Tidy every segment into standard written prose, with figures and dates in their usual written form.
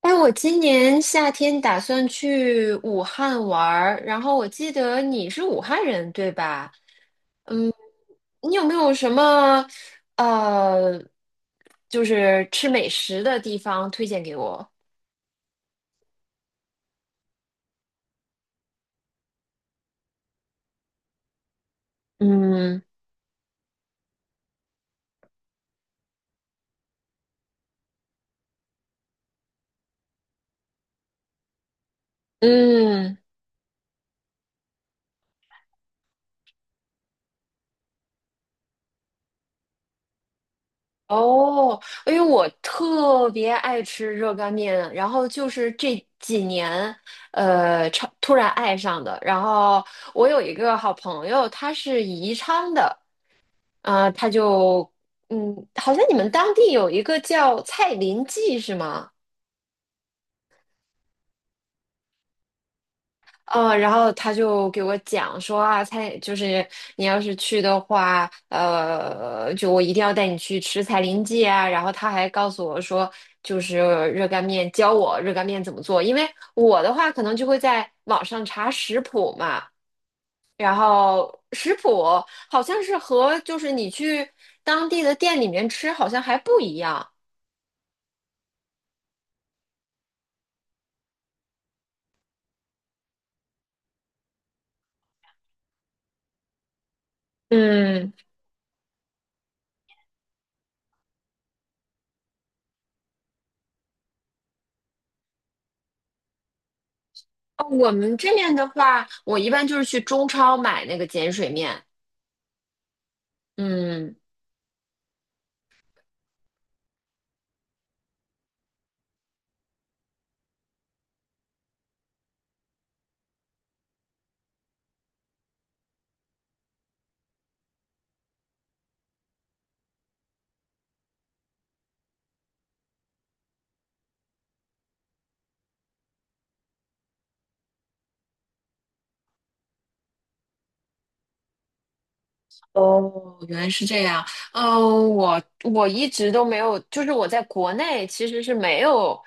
哎，我今年夏天打算去武汉玩儿，然后我记得你是武汉人，对吧？嗯，你有没有什么呃，就是吃美食的地方推荐给我？嗯嗯，哦，因为我特别爱吃热干面，然后就是这几年，超突然爱上的。然后我有一个好朋友，他是宜昌的。啊、他就好像你们当地有一个叫蔡林记是吗？然后他就给我讲说啊，蔡就是你要是去的话，就我一定要带你去吃蔡林记啊。然后他还告诉我说，就是热干面，教我热干面怎么做。因为我的话可能就会在网上查食谱嘛，然后食谱好像是和就是你去当地的店里面吃好像还不一样。嗯。哦，我们这边的话，我一般就是去中超买那个碱水面。嗯。哦，原来是这样。嗯、我一直都没有，就是我在国内其实是没有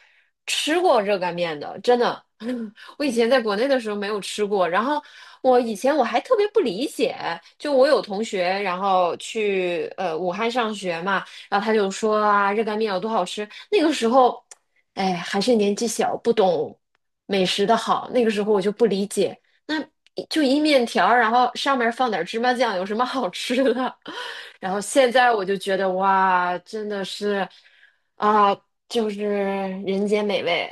吃过热干面的，真的。我以前在国内的时候没有吃过，然后我以前我还特别不理解，就我有同学，然后去武汉上学嘛，然后他就说啊，热干面有多好吃。那个时候，哎，还是年纪小，不懂美食的好，那个时候我就不理解。那就一面条儿然后上面放点芝麻酱，有什么好吃的？然后现在我就觉得哇，真的是啊，就是人间美味。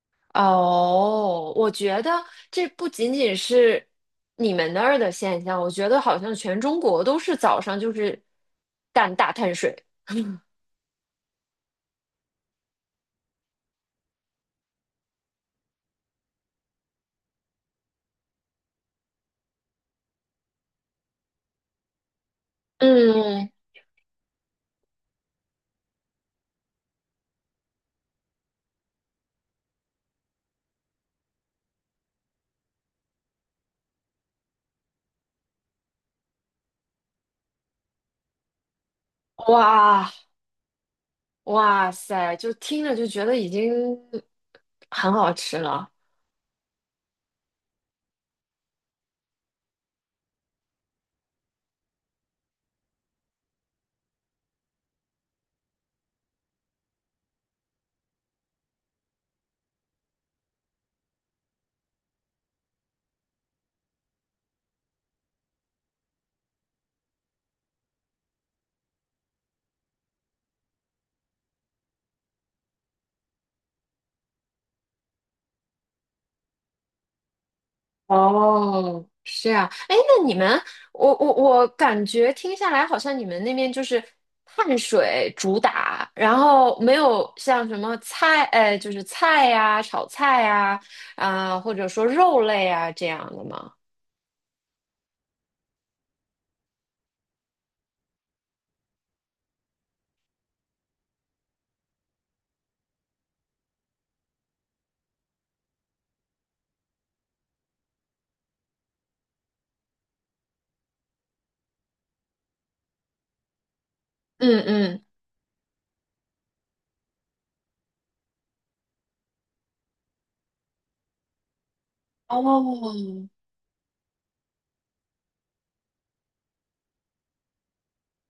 哦，我觉得这不仅仅是你们那儿的现象，我觉得好像全中国都是早上就是干大碳水。嗯，哇哇塞，就听着就觉得已经很好吃了。哦，是这样。哎，那你们，我感觉听下来，好像你们那边就是碳水主打，然后没有像什么菜，就是菜呀、炒菜呀、啊，或者说肉类啊这样的吗？嗯嗯，哦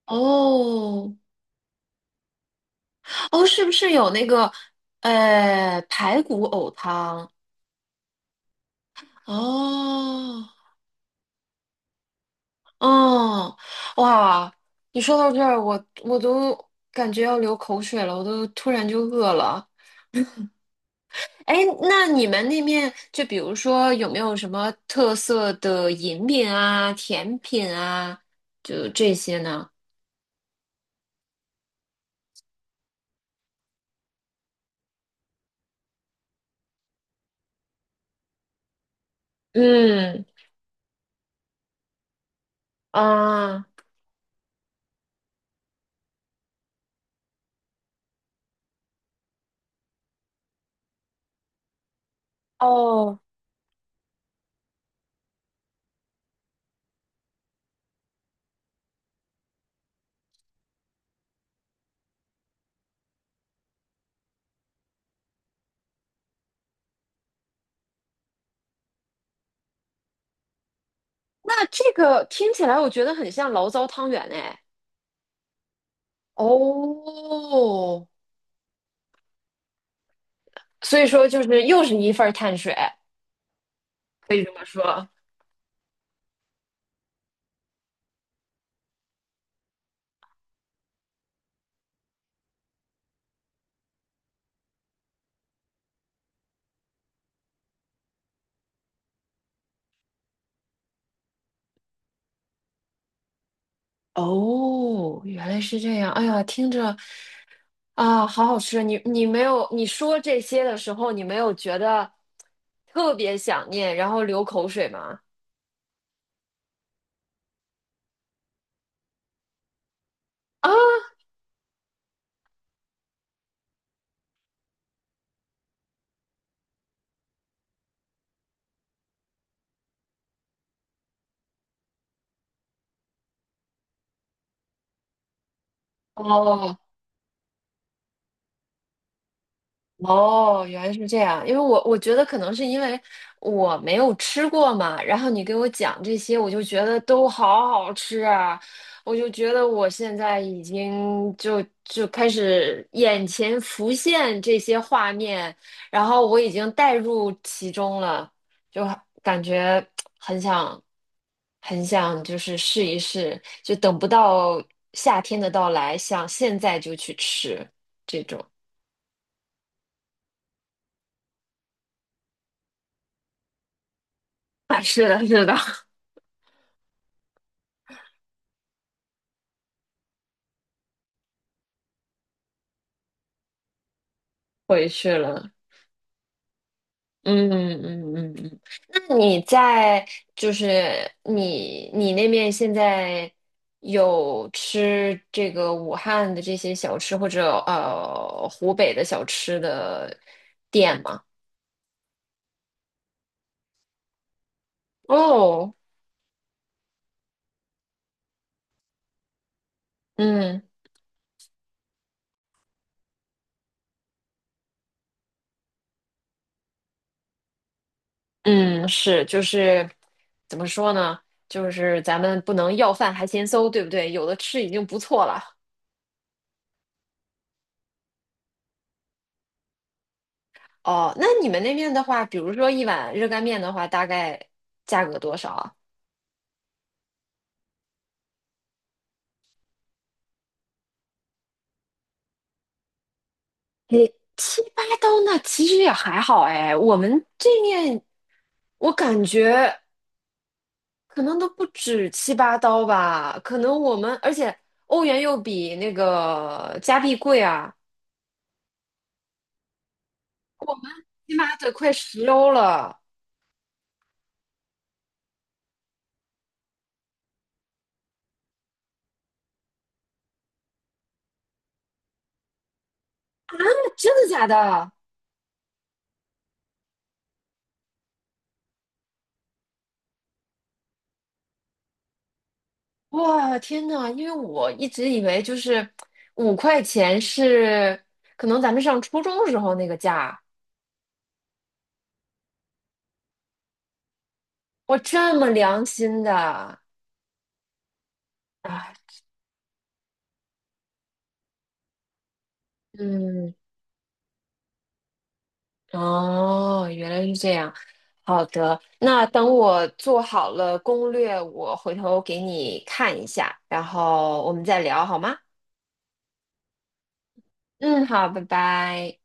哦哦，是不是有那个排骨藕汤？哦哦，哇！你说到这儿，我都感觉要流口水了，我都突然就饿了。哎，那你们那面就比如说有没有什么特色的饮品啊、甜品啊，就这些呢？嗯啊，哦，那这个听起来我觉得很像醪糟汤圆哎。哦，所以说就是又是一份儿碳水，可以这么说。哦，原来是这样。哎呀，听着啊，好好吃。你没有你说这些的时候，你没有觉得特别想念，然后流口水吗？啊，哦，哦，原来是这样，因为我觉得可能是因为我没有吃过嘛，然后你给我讲这些，我就觉得都好好吃啊，我就觉得我现在已经就开始眼前浮现这些画面，然后我已经带入其中了，就感觉很想很想就是试一试，就等不到夏天的到来，想现在就去吃这种。啊，是的，是的。回去了。嗯嗯嗯嗯，那你在就是你那边现在有吃这个武汉的这些小吃或者湖北的小吃的店吗？哦，嗯嗯，是就是怎么说呢？就是咱们不能要饭还嫌馊，对不对？有的吃已经不错了。哦，那你们那边的话，比如说一碗热干面的话，大概价格多少啊？你七八刀那其实也还好哎，我们这面我感觉可能都不止七八刀吧，可能我们而且欧元又比那个加币贵啊，起码得快10欧了。真的假的？哇，天呐，因为我一直以为就是5块钱是可能咱们上初中时候那个价，哇，这么良心的，哎嗯。哦，原来是这样。好的，那等我做好了攻略，我回头给你看一下，然后我们再聊好吗？嗯，好，拜拜。